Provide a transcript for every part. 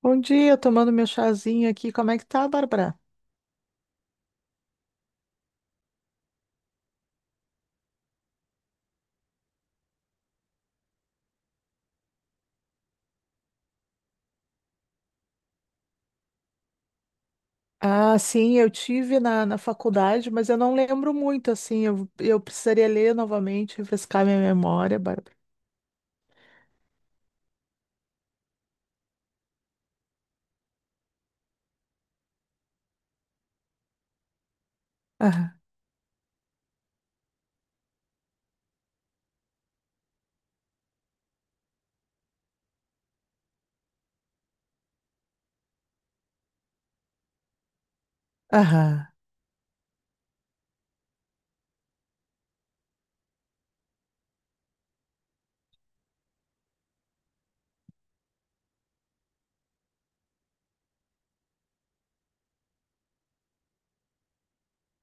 Bom dia, tomando meu chazinho aqui. Como é que tá, Bárbara? Ah, sim, eu tive na faculdade, mas eu não lembro muito, assim. Eu precisaria ler novamente, refrescar minha memória, Bárbara. Aham, aham,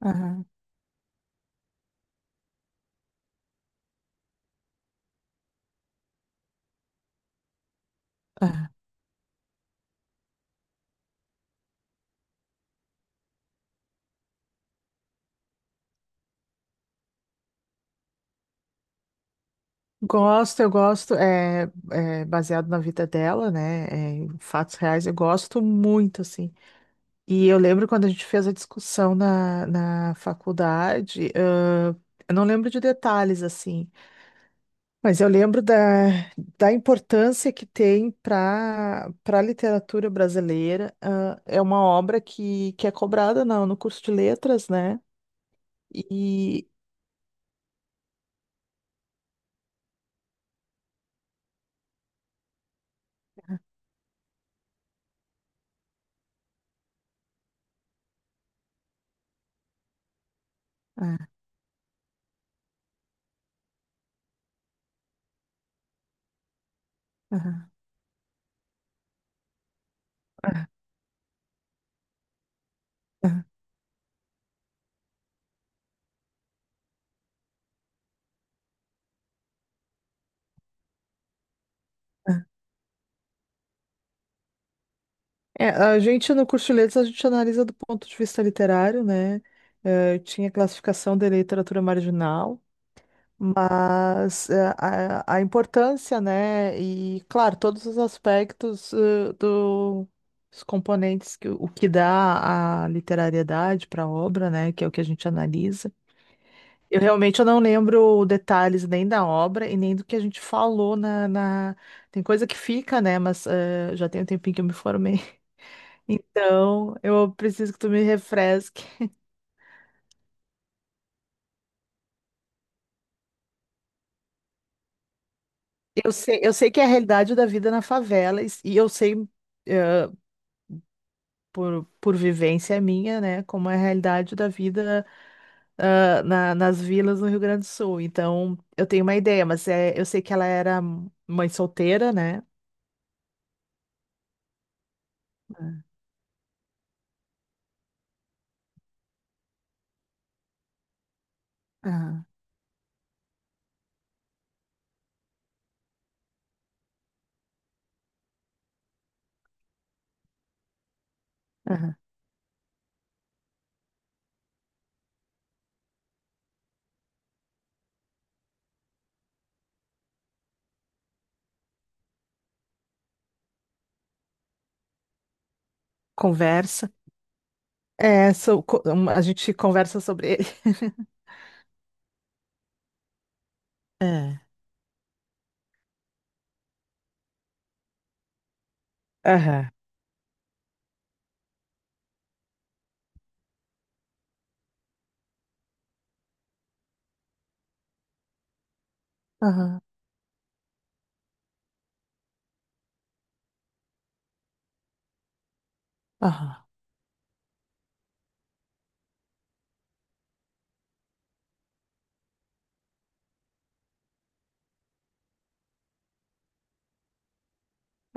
aham, aham. Gosto, eu gosto. É, é baseado na vida dela, né? É, em fatos reais, eu gosto muito, assim. E eu lembro quando a gente fez a discussão na faculdade, eu não lembro de detalhes, assim. Mas eu lembro da, da importância que tem para a literatura brasileira. Ah, é uma obra que é cobrada no curso de letras, né? E ah, aham, aham, aham. É, a gente no curso de letras a gente analisa do ponto de vista literário, né? Eh, tinha classificação de literatura marginal. Mas a importância, né? E claro, todos os aspectos dos componentes que o que dá a literariedade para a obra, né? Que é o que a gente analisa. Eu realmente eu não lembro detalhes nem da obra e nem do que a gente falou na. Tem coisa que fica, né? Mas já tem um tempinho que eu me formei. Então eu preciso que tu me refresque. Eu sei que é a realidade da vida na favela e eu sei. eh, por vivência minha, né, como é a realidade da vida nas vilas no Rio Grande do Sul. Então, eu tenho uma ideia, mas é, eu sei que ela era mãe solteira, né? Ah, ah, conversa. É, a gente conversa sobre ele. É. Aham. Aham, aham,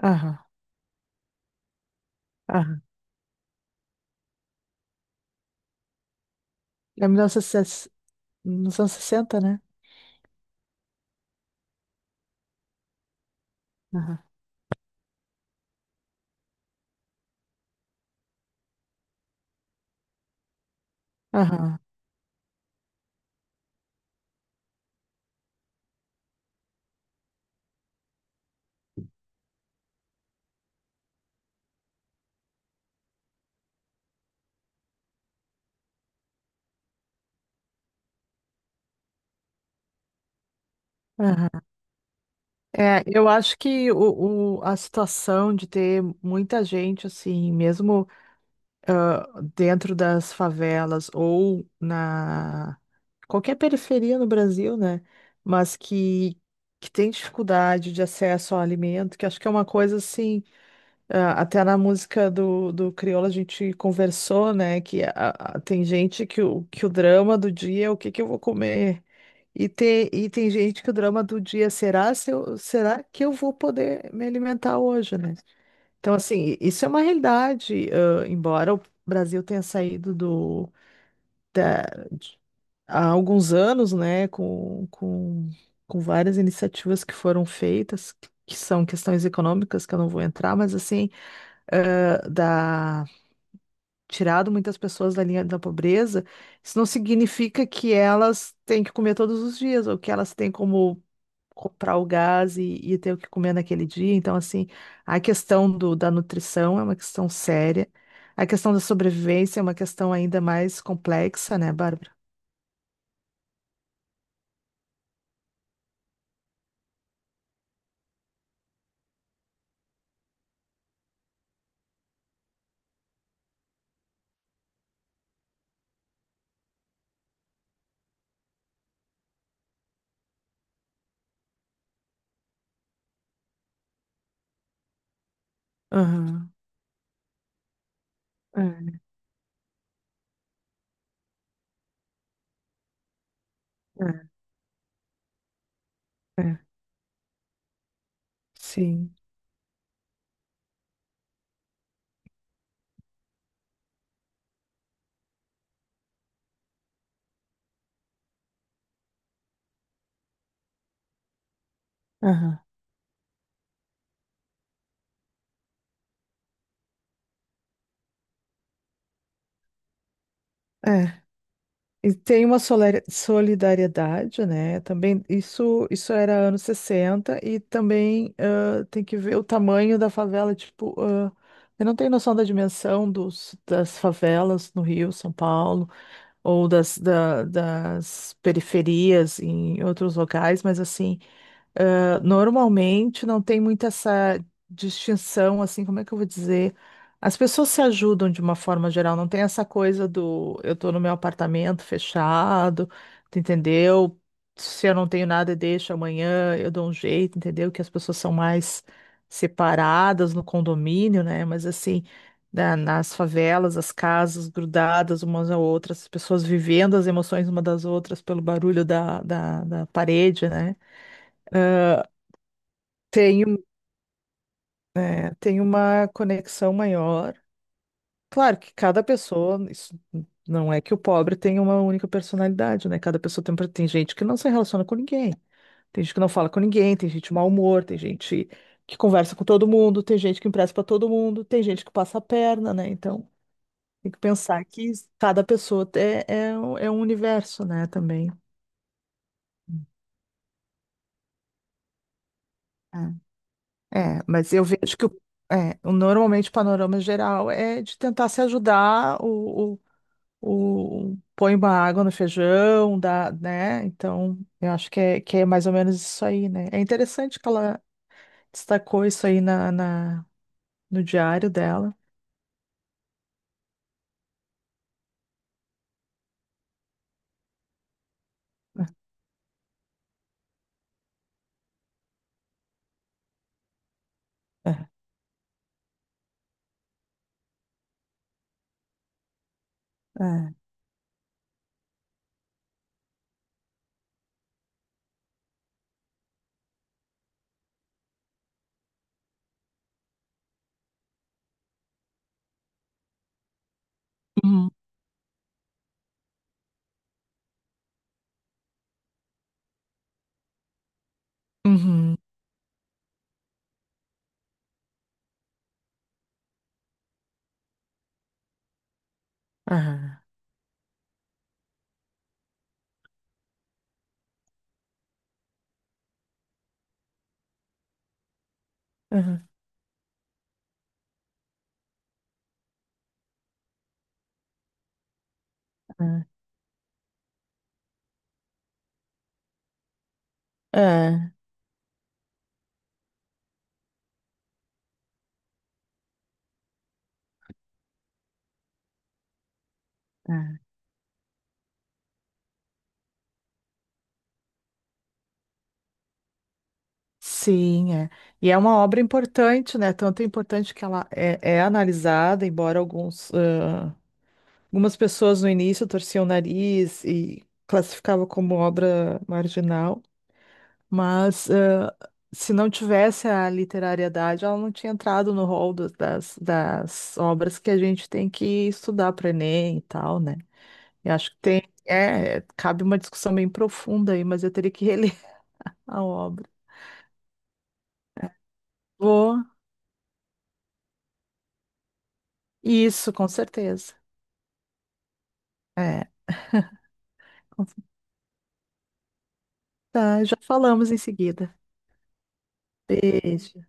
aham, aham. É 1960, nos anos 60, né? Aham, aham, aham. É, eu acho que a situação de ter muita gente, assim, mesmo. ah, Dentro das favelas ou na qualquer periferia no Brasil, né? Mas que tem dificuldade de acesso ao alimento, que acho que é uma coisa assim, até na música do, do Criolo a gente conversou, né? Que tem gente que que o drama do dia é o que que eu vou comer. E tem gente que o drama do dia será se eu- será que eu vou poder me alimentar hoje, né? Então, assim, isso é uma realidade, embora o Brasil tenha saído da- de- há alguns anos, né, com várias iniciativas que foram feitas, que são questões econômicas, que eu não vou entrar, mas, assim, ãh, da, tirado muitas pessoas da linha da pobreza, isso não significa que elas têm que comer todos os dias, ou que elas têm como comprar o gás e ter o que comer naquele dia. Então, assim, a questão da nutrição é uma questão séria. A questão da sobrevivência é uma questão ainda mais complexa, né, Bárbara? Aham, é, é, é, sim, aham, é. E tem uma solidariedade, né? Também isso era anos 60 e também tem que ver o tamanho da favela, tipo, eu não tenho noção da dimensão dos, das favelas no Rio, São Paulo. Ou das, das periferias em outros locais, mas assim, normalmente não tem muito essa distinção, assim, como é que eu vou dizer? As pessoas se ajudam de uma forma geral, não tem essa coisa do eu tô no meu apartamento fechado, tu entendeu? Se eu não tenho nada, deixa amanhã, eu dou um jeito, entendeu? Que as pessoas são mais separadas no condomínio, né? Mas assim, nas favelas, as casas grudadas umas às outras, as pessoas vivendo as emoções uma das outras pelo barulho da parede, né? Tem, um- É, tem uma conexão maior. Claro que cada pessoa, isso não é que o pobre tem uma única personalidade, né? Cada pessoa tem, tem gente que não se relaciona com ninguém, tem gente que não fala com ninguém, tem gente de mau humor, tem gente que conversa com todo mundo, tem gente que empresta para todo mundo, tem gente que passa a perna, né? Então tem que pensar que cada pessoa é, é, é um universo, né, também. É, é, mas eu vejo é, normalmente o panorama geral é de tentar se ajudar, põe uma água no feijão, dá, né? Então, eu acho que é mais ou menos isso aí, né? É interessante que ela destacou isso aí no diário dela. É, é. Uhum, uhum, aham, aham, é, é, é. Sim, é. E é uma obra importante, né? Tanto é importante que ela é, é analisada, embora alguns, algumas pessoas no início torciam o nariz e classificavam como obra marginal, mas se não tivesse a literariedade, ela não tinha entrado no rol das, das obras que a gente tem que estudar para Enem e tal, né? Eu acho que tem, é, é, cabe uma discussão bem profunda aí, mas eu teria que reler a obra. Vou, isso, com certeza. É, com- tá, já falamos em seguida. Beijo.